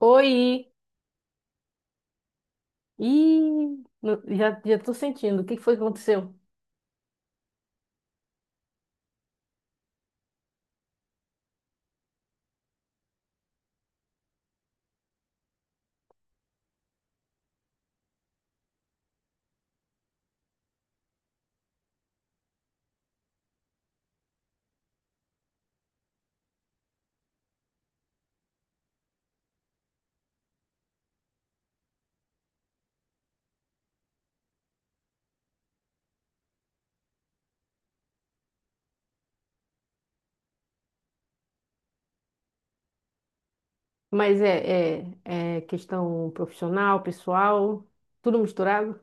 Oi! Ih, já tô sentindo. O que que foi que aconteceu? Mas é questão profissional, pessoal, tudo misturado?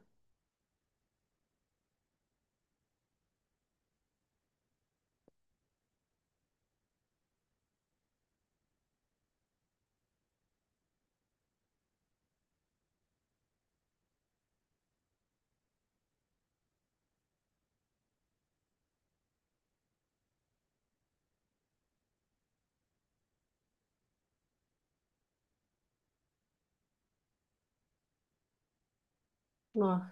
Não.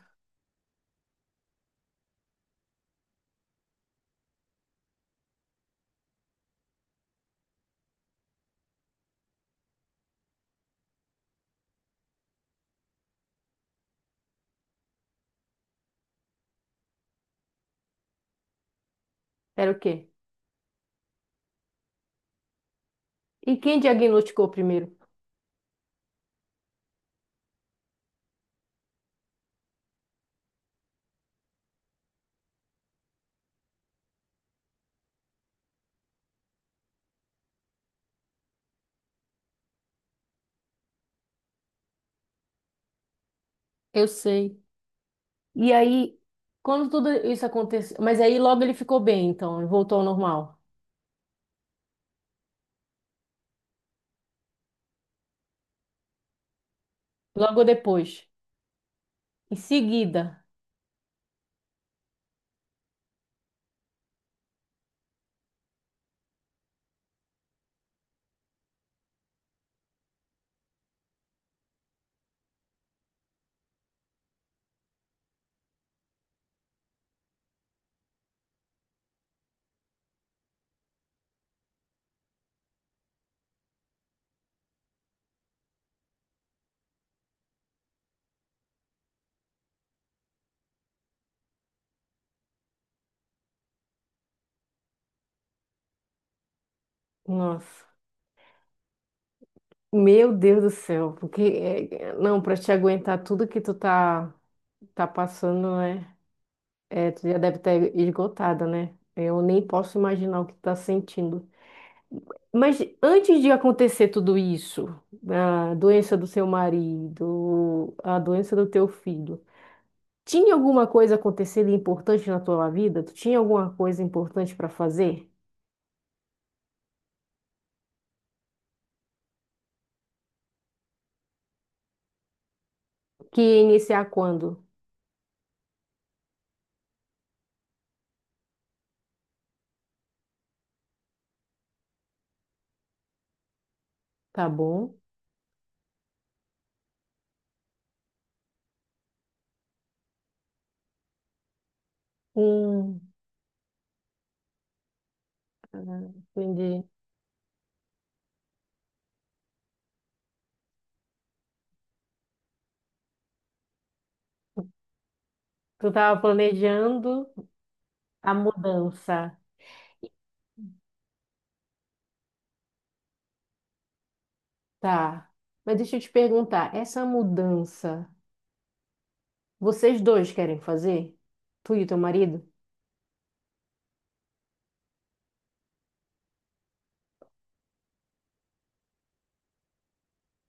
Era o quê? E quem diagnosticou primeiro? Eu sei. E aí, quando tudo isso aconteceu. Mas aí logo ele ficou bem, então, ele voltou ao normal. Logo depois. Em seguida. Nossa. Meu Deus do céu. Porque, não, para te aguentar tudo que tá passando, né? É, tu já deve ter esgotada, né? Eu nem posso imaginar o que tá sentindo. Mas antes de acontecer tudo isso, a doença do seu marido, a doença do teu filho, tinha alguma coisa acontecendo importante na tua vida? Tu tinha alguma coisa importante para fazer? Que ia iniciar quando? Tá bom? Hum, ah, entendi. Tu tava planejando a mudança, tá? Mas deixa eu te perguntar, essa mudança vocês dois querem fazer? Tu e o teu marido?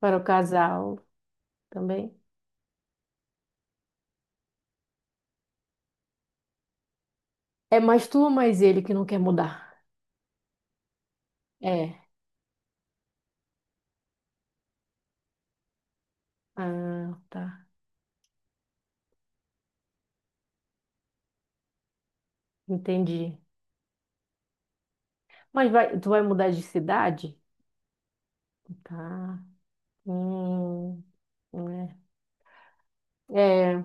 Para o casal também? É mais tu ou mais ele que não quer mudar? É. Ah, tá. Entendi. Mas vai, tu vai mudar de cidade? Tá. Hum, é. É,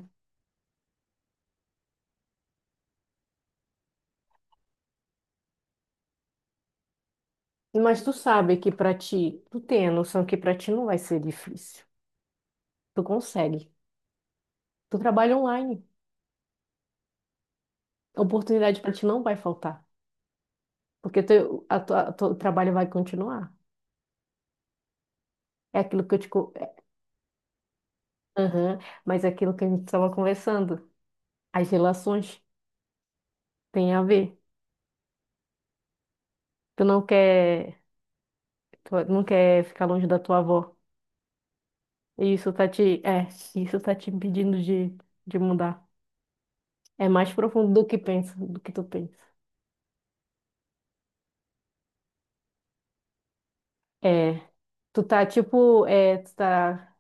mas tu sabe que pra ti, tu tem a noção que pra ti não vai ser difícil. Tu consegue. Tu trabalha online. Oportunidade pra ti não vai faltar. Porque teu trabalho vai continuar. É aquilo que eu te. Aham. Mas é aquilo que a gente estava conversando, as relações têm a ver. Tu não quer, tu não quer ficar longe da tua avó. E isso tá te impedindo de mudar. É mais profundo do que pensa, do que tu pensa. É, tu tá,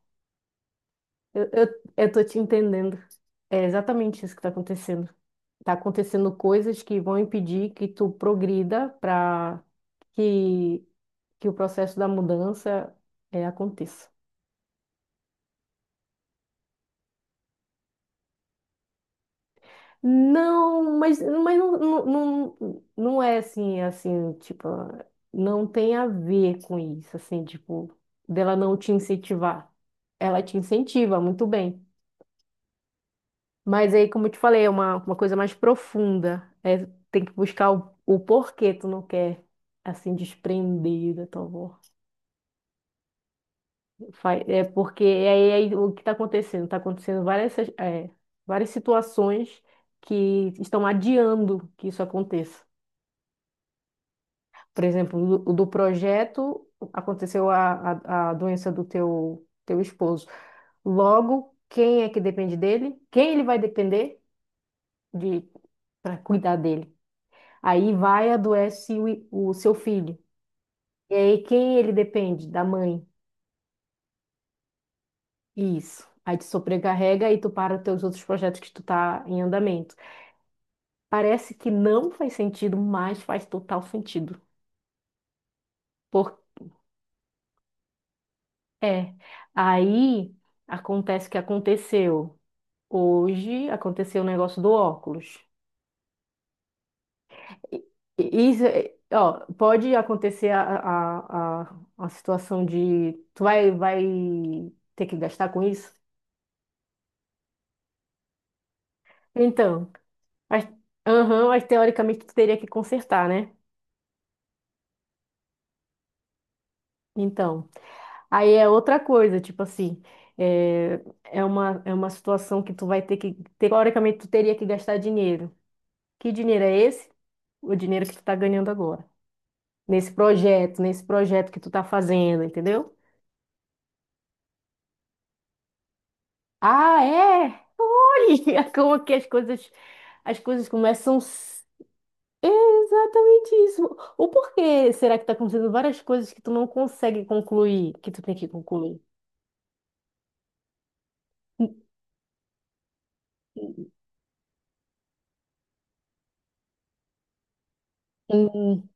eu tô te entendendo. É exatamente isso que tá acontecendo. Tá acontecendo coisas que vão impedir que tu progrida para que, que o processo da mudança, é, aconteça. Não, mas não, não é assim, assim, tipo, não tem a ver com isso, assim, tipo, dela não te incentivar. Ela te incentiva, muito bem. Mas aí, como eu te falei, é uma coisa mais profunda. É, tem que buscar o porquê tu não quer, assim, desprender da tua avó. É porque é aí o que está acontecendo? Está acontecendo várias, é, várias situações que estão adiando que isso aconteça. Por exemplo, do projeto aconteceu a doença do teu esposo. Logo, quem é que depende dele? Quem ele vai depender de para cuidar dele? Aí vai adoece o seu filho. E aí quem ele depende? Da mãe. Isso. Aí te sobrecarrega e tu para os teus outros projetos que tu tá em andamento. Parece que não faz sentido, mas faz total sentido. Porque é. Aí acontece o que aconteceu. Hoje aconteceu o negócio do óculos. E- e isso, ó, pode acontecer a, a situação de tu vai, vai ter que gastar com isso? Então, mas, aham, mas teoricamente tu teria que consertar, né? Então, aí é outra coisa, tipo assim, é uma, é uma situação que tu vai ter que, teoricamente tu teria que gastar dinheiro. Que dinheiro é esse? O dinheiro que tu tá ganhando agora. Nesse projeto que tu tá fazendo, entendeu? Ah, é? Olha como que as coisas começam. Exatamente isso. O porquê será que está acontecendo várias coisas que tu não consegue concluir, que tu tem que concluir? Hum, hum.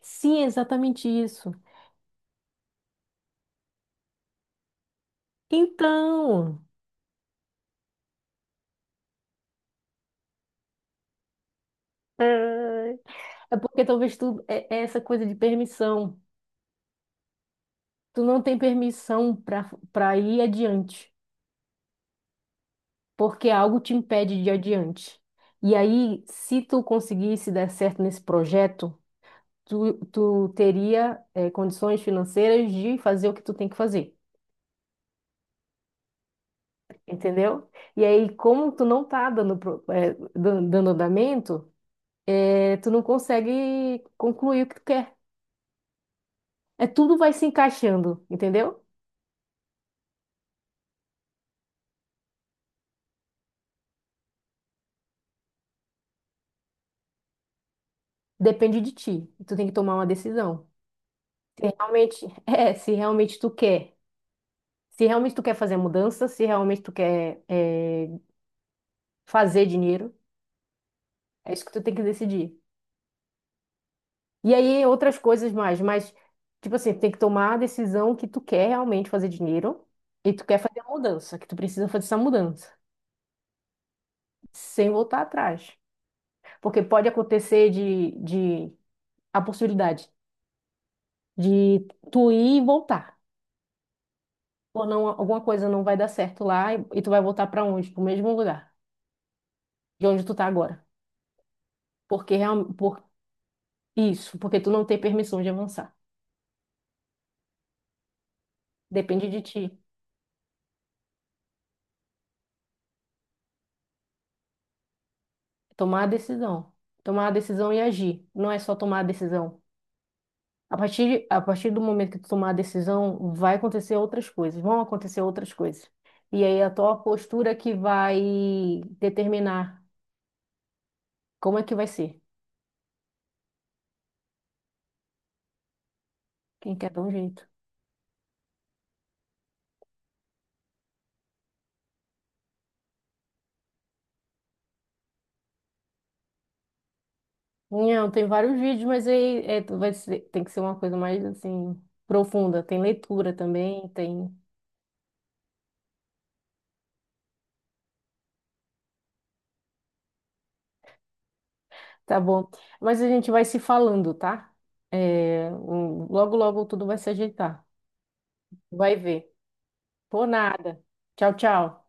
Sim, exatamente isso. Então, ai, é porque talvez é essa coisa de permissão. Tu não tem permissão para ir adiante, porque algo te impede de ir adiante. E aí, se tu conseguisse dar certo nesse projeto tu, tu teria condições financeiras de fazer o que tu tem que fazer, entendeu? E aí, como tu não tá dando, dando andamento, tu não consegue concluir o que tu quer. É tudo vai se encaixando, entendeu? Depende de ti. Tu tem que tomar uma decisão. Se realmente, é, se realmente tu quer. Se realmente tu quer fazer a mudança, se realmente tu quer fazer dinheiro, é isso que tu tem que decidir. E aí outras coisas mais, mas tipo assim, tem que tomar a decisão que tu quer realmente fazer dinheiro e tu quer fazer a mudança, que tu precisa fazer essa mudança, sem voltar atrás. Porque pode acontecer de a possibilidade de tu ir e voltar. Ou não, alguma coisa não vai dar certo lá e tu vai voltar para onde? Para o mesmo lugar, de onde tu tá agora. Porque por isso, porque tu não tem permissão de avançar. Depende de ti. Tomar a decisão. Tomar a decisão e agir. Não é só tomar a decisão. A partir do momento que tu tomar a decisão, vai acontecer outras coisas, vão acontecer outras coisas. E aí a tua postura que vai determinar como é que vai ser. Quem quer dar um jeito. Não, tem vários vídeos, mas aí é, tem que ser uma coisa mais assim profunda. Tem leitura também, tem. Tá bom. Mas a gente vai se falando, tá? É, logo, logo tudo vai se ajeitar. Vai ver. Por nada. Tchau, tchau.